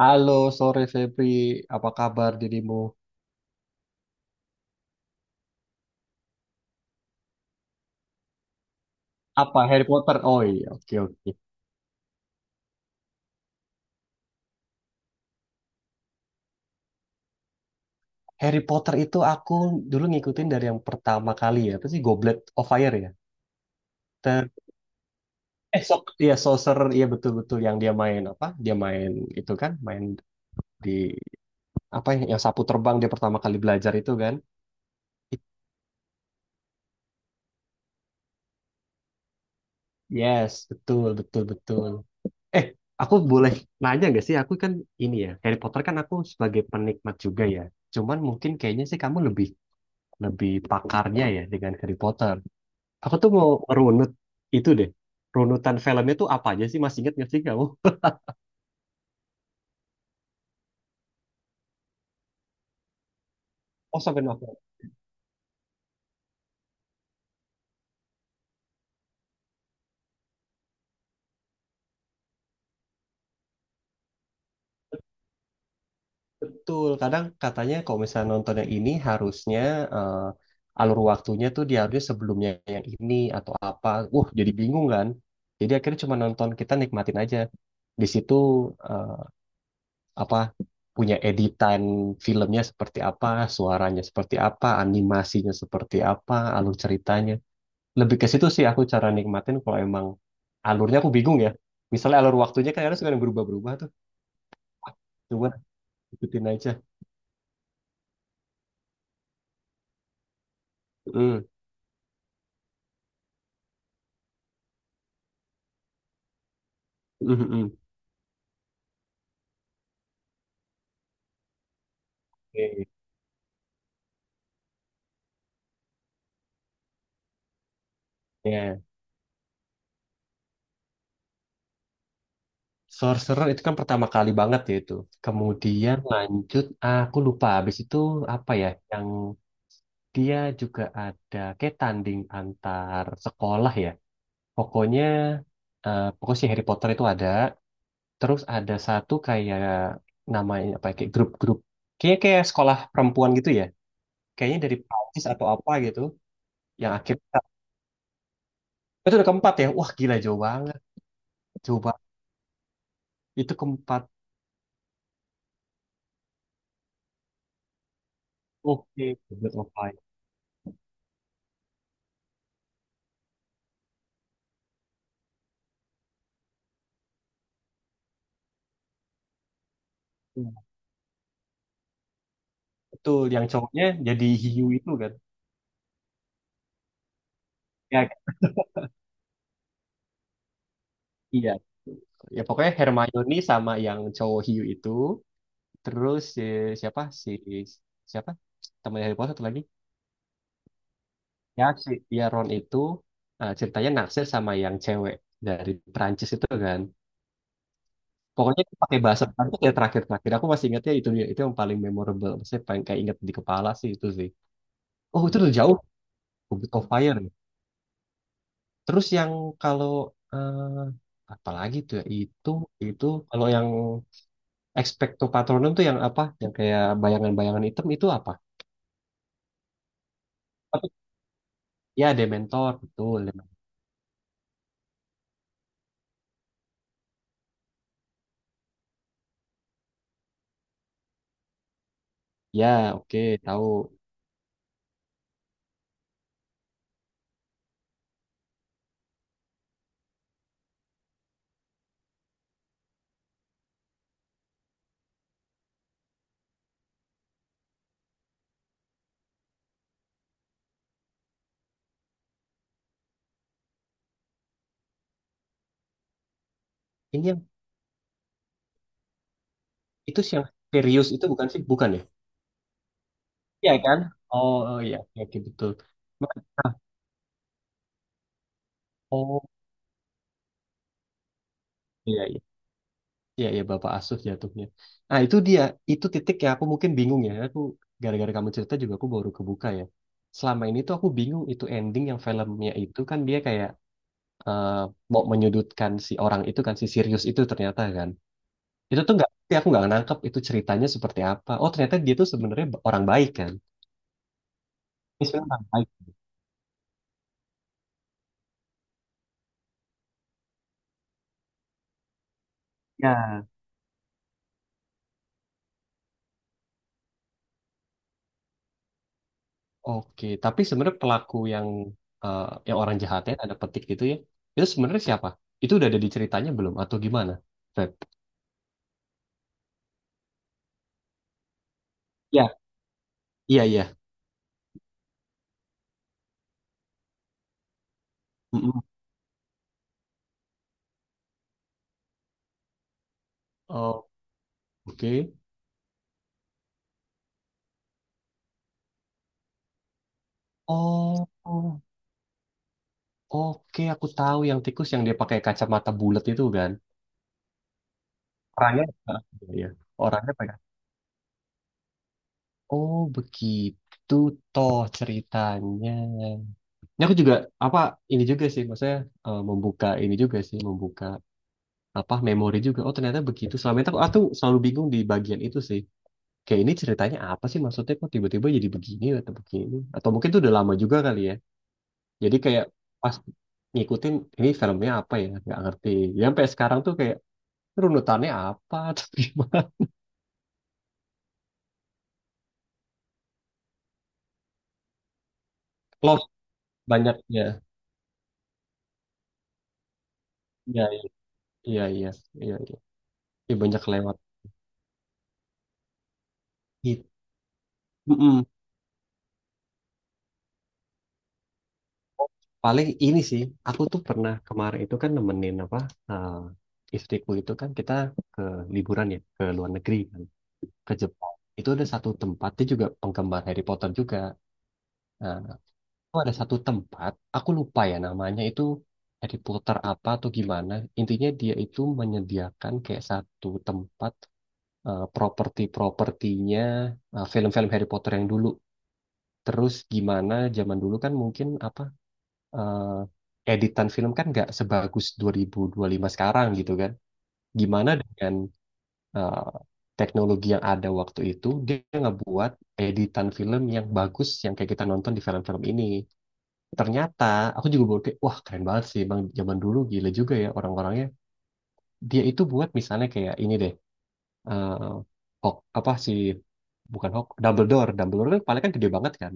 Halo, sore Febri. Apa kabar dirimu? Apa Harry Potter? Oh iya, oke oke. Harry Potter itu aku dulu ngikutin dari yang pertama kali ya. Apa sih Goblet of Fire ya? Ter eh sok iya Sorcerer iya betul-betul yang dia main apa? Dia main itu kan, main di apa ya, yang sapu terbang dia pertama kali belajar itu kan. It- Yes, betul betul betul. Eh, aku boleh nanya gak sih? Aku kan ini ya, Harry Potter kan aku sebagai penikmat juga ya. Cuman mungkin kayaknya sih kamu lebih lebih pakarnya ya dengan Harry Potter. Aku tuh mau runut itu deh. Runutan filmnya tuh apa aja sih? Masih inget nggak sih kamu? Oh, sampai novel. Betul. Kadang katanya kalau misalnya nonton yang ini harusnya alur waktunya tuh dia harusnya sebelumnya yang ini atau apa. Jadi bingung kan? Jadi akhirnya cuma nonton kita nikmatin aja. Di situ eh, apa punya editan filmnya seperti apa, suaranya seperti apa, animasinya seperti apa, alur ceritanya lebih ke situ sih aku cara nikmatin kalau emang alurnya aku bingung ya. Misalnya alur waktunya kan kadang suka yang berubah-berubah tuh. Wah, coba ikutin aja. Mm, mm, mm, mm. Oke, ya. Sorcerer itu kan pertama kali banget ya itu. Kemudian lanjut, ah, aku lupa habis itu apa ya, yang dia juga ada kayak tanding antar sekolah ya. Pokoknya, pokoknya si Harry Potter itu ada. Terus ada satu kayak namanya apa ya, kayak grup-grup. Kayaknya kayak sekolah perempuan gitu ya, kayaknya dari Prancis atau apa gitu. Yang akhirnya itu udah keempat ya, wah gila jauh banget, jauh banget, itu keempat. Oke, buat offline. Betul, yang cowoknya jadi hiu itu kan. Ya, iya, ya pokoknya Hermione sama yang cowok hiu itu. Terus si, siapa si siapa temannya Harry Potter satu lagi. Ya si, ya Ron itu ceritanya naksir sama yang cewek dari Prancis itu kan. Pokoknya itu pakai bahasa Prancis ya terakhir-terakhir. Aku masih ingatnya itu dia. Itu yang paling memorable. Saya paling kayak ingat di kepala sih itu sih. Oh itu udah jauh. Goblet of Fire. Terus yang kalau eh apalagi tuh ya? Itu kalau yang Expecto Patronum tuh yang apa? Yang kayak bayangan-bayangan hitam itu apa? Apa? Ya Dementor betul. Dementor. Ya, oke, tahu. Ini yang itu sih yang serius itu bukan sih? Bukan ya? Iya kan? Oh oh, iya oke oke, betul. Nah, oh iya. Iya, ya Bapak Asuh jatuhnya. Nah, itu dia. Itu titik yang aku mungkin bingung ya. Aku gara-gara kamu cerita juga aku baru kebuka ya. Selama ini tuh aku bingung itu ending yang filmnya itu kan dia kayak eh, mau menyudutkan si orang itu kan si Sirius itu ternyata kan. Itu tuh nggak, tapi aku nggak nangkep itu ceritanya seperti apa. Oh ternyata dia tuh sebenarnya orang baik kan. Dia sebenarnya orang baik. Ya. Oke, tapi sebenarnya pelaku yang eh, yang orang jahatnya ada petik gitu ya. Itu sebenarnya siapa? Itu udah ada di ceritanya belum atau gimana? Feb? Iya, iya. Mm-mm. Oh, oke. Oh, oh, oke, aku tahu yang tikus yang dia pakai kacamata bulat itu kan. Orangnya, ah, iya, iya, orangnya pakai. Oh, begitu toh ceritanya. Ini aku juga apa ini juga sih, maksudnya membuka ini juga sih, membuka apa memori juga. Oh, ternyata begitu. Selama itu aku selalu bingung di bagian itu sih. Kayak ini ceritanya apa sih maksudnya kok tiba-tiba jadi begini? Atau mungkin itu udah lama juga kali ya. Jadi kayak pas ngikutin ini filmnya apa ya, nggak ngerti. Ya sampai sekarang tuh kayak "Ini runutannya apa atau gimana? Lost banyaknya. Iya, iya, iya, iya, iya. Ya, banyak lewat. Gitu. Mm-mm. Paling ini sih, aku tuh pernah kemarin itu kan nemenin apa eh, istriku itu kan kita ke liburan ya ke luar negeri kan, ke Jepang. Itu ada satu tempat dia juga penggemar Harry Potter juga. Nah, oh, ada satu tempat, aku lupa ya namanya itu dari puter apa atau gimana. Intinya dia itu menyediakan kayak satu tempat properti-propertinya film-film Harry Potter yang dulu. Terus gimana zaman dulu kan mungkin apa editan film kan nggak sebagus 2025 sekarang gitu kan. Gimana dengan eh, teknologi yang ada waktu itu dia ngebuat editan film yang bagus yang kayak kita nonton di film-film ini, ternyata aku juga baru kayak wah keren banget sih bang, zaman dulu gila juga ya orang-orangnya. Dia itu buat misalnya kayak ini deh, eh hok apa sih bukan hok Dumbledore. Dumbledore kan kepalanya kan gede banget kan,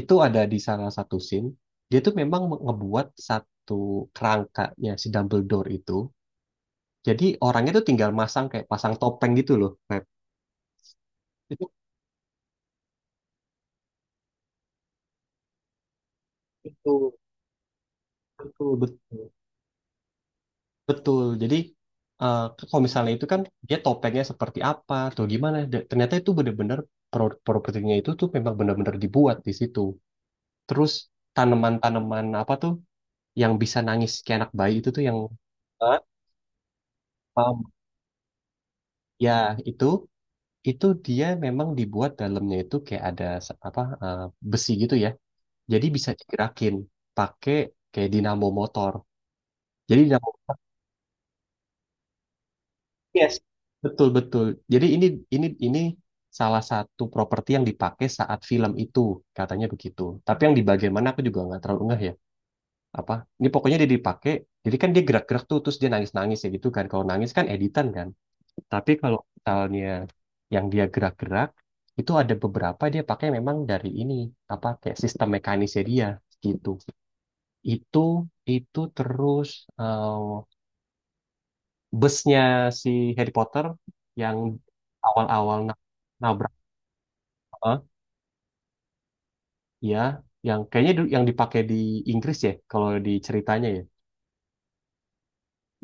itu ada di salah satu scene dia tuh memang ngebuat satu kerangkanya si Dumbledore itu, jadi orangnya tuh tinggal masang kayak pasang topeng gitu loh Feb. itu itu betul betul. Betul. Jadi eh, kalau misalnya itu kan dia topengnya seperti apa atau gimana. Ternyata itu benar-benar propertinya itu tuh memang benar-benar dibuat di situ. Terus tanaman-tanaman apa tuh yang bisa nangis kayak anak bayi itu tuh yang. Hah? Paham. Ya itu itu dia memang dibuat dalamnya itu kayak ada apa besi gitu ya. Jadi bisa digerakin pakai kayak dinamo motor. Jadi yes. Betul betul. Jadi ini salah satu properti yang dipakai saat film itu katanya begitu. Tapi yang di bagian mana aku juga nggak terlalu ngeh ya. Apa? Ini pokoknya dia dipakai. Jadi kan dia gerak-gerak tuh terus dia nangis-nangis ya gitu kan. Kalau nangis kan editan kan. Tapi kalau misalnya yang dia gerak-gerak itu ada beberapa dia pakai memang dari ini apa kayak sistem mekanisnya dia gitu. Itu itu terus eh, busnya si Harry Potter yang awal-awal nabrak eh, ya yang kayaknya yang dipakai di Inggris ya kalau di ceritanya ya,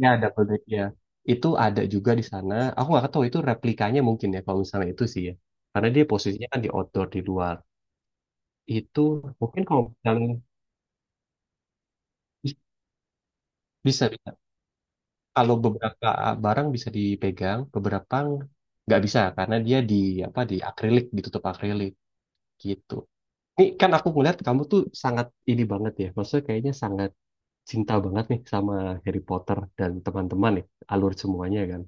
ya double deck ya. Itu ada juga di sana, aku nggak tahu itu replikanya mungkin ya kalau misalnya itu sih ya, karena dia posisinya kan di outdoor di luar. Itu mungkin kalau misalnya bisa, bisa, kalau beberapa barang bisa dipegang, beberapa nggak bisa karena dia di apa di akrilik, ditutup akrilik gitu. Ini kan aku ngeliat kamu tuh sangat ini banget ya, maksudnya kayaknya sangat cinta banget nih sama Harry Potter dan teman-teman nih, alur semuanya kan.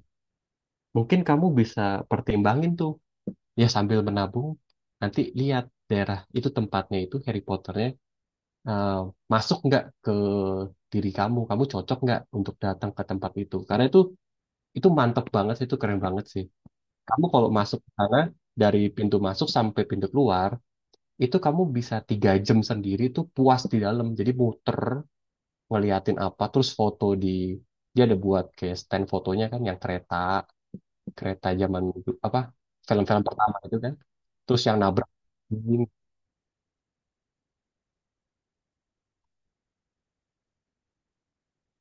Mungkin kamu bisa pertimbangin tuh, ya sambil menabung, nanti lihat daerah itu tempatnya itu Harry Potternya eh, masuk nggak ke diri kamu, kamu cocok nggak untuk datang ke tempat itu. Karena itu mantep banget sih, itu keren banget sih. Kamu kalau masuk ke sana dari pintu masuk sampai pintu keluar itu kamu bisa 3 jam sendiri tuh puas di dalam, jadi muter ngeliatin apa terus foto di dia ada buat kayak stand fotonya kan yang kereta, kereta zaman du- apa film-film pertama itu kan, terus yang nabrak dinding.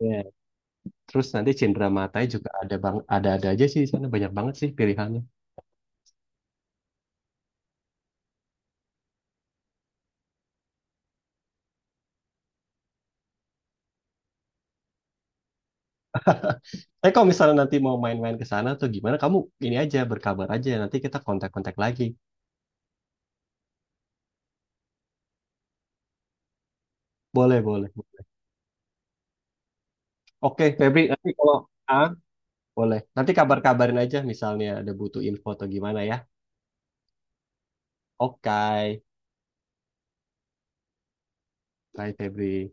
Ya. Terus nanti cendera matanya juga ada bang, ada aja sih di sana, banyak banget sih pilihannya. Kalau misalnya nanti mau main-main ke sana tuh gimana kamu, ini aja berkabar aja nanti kita kontak-kontak lagi. Boleh boleh. Oke Febri, nanti kalau ah boleh. Nanti kabar-kabarin aja misalnya ada butuh info atau gimana ya. Oke. Bye, Febri.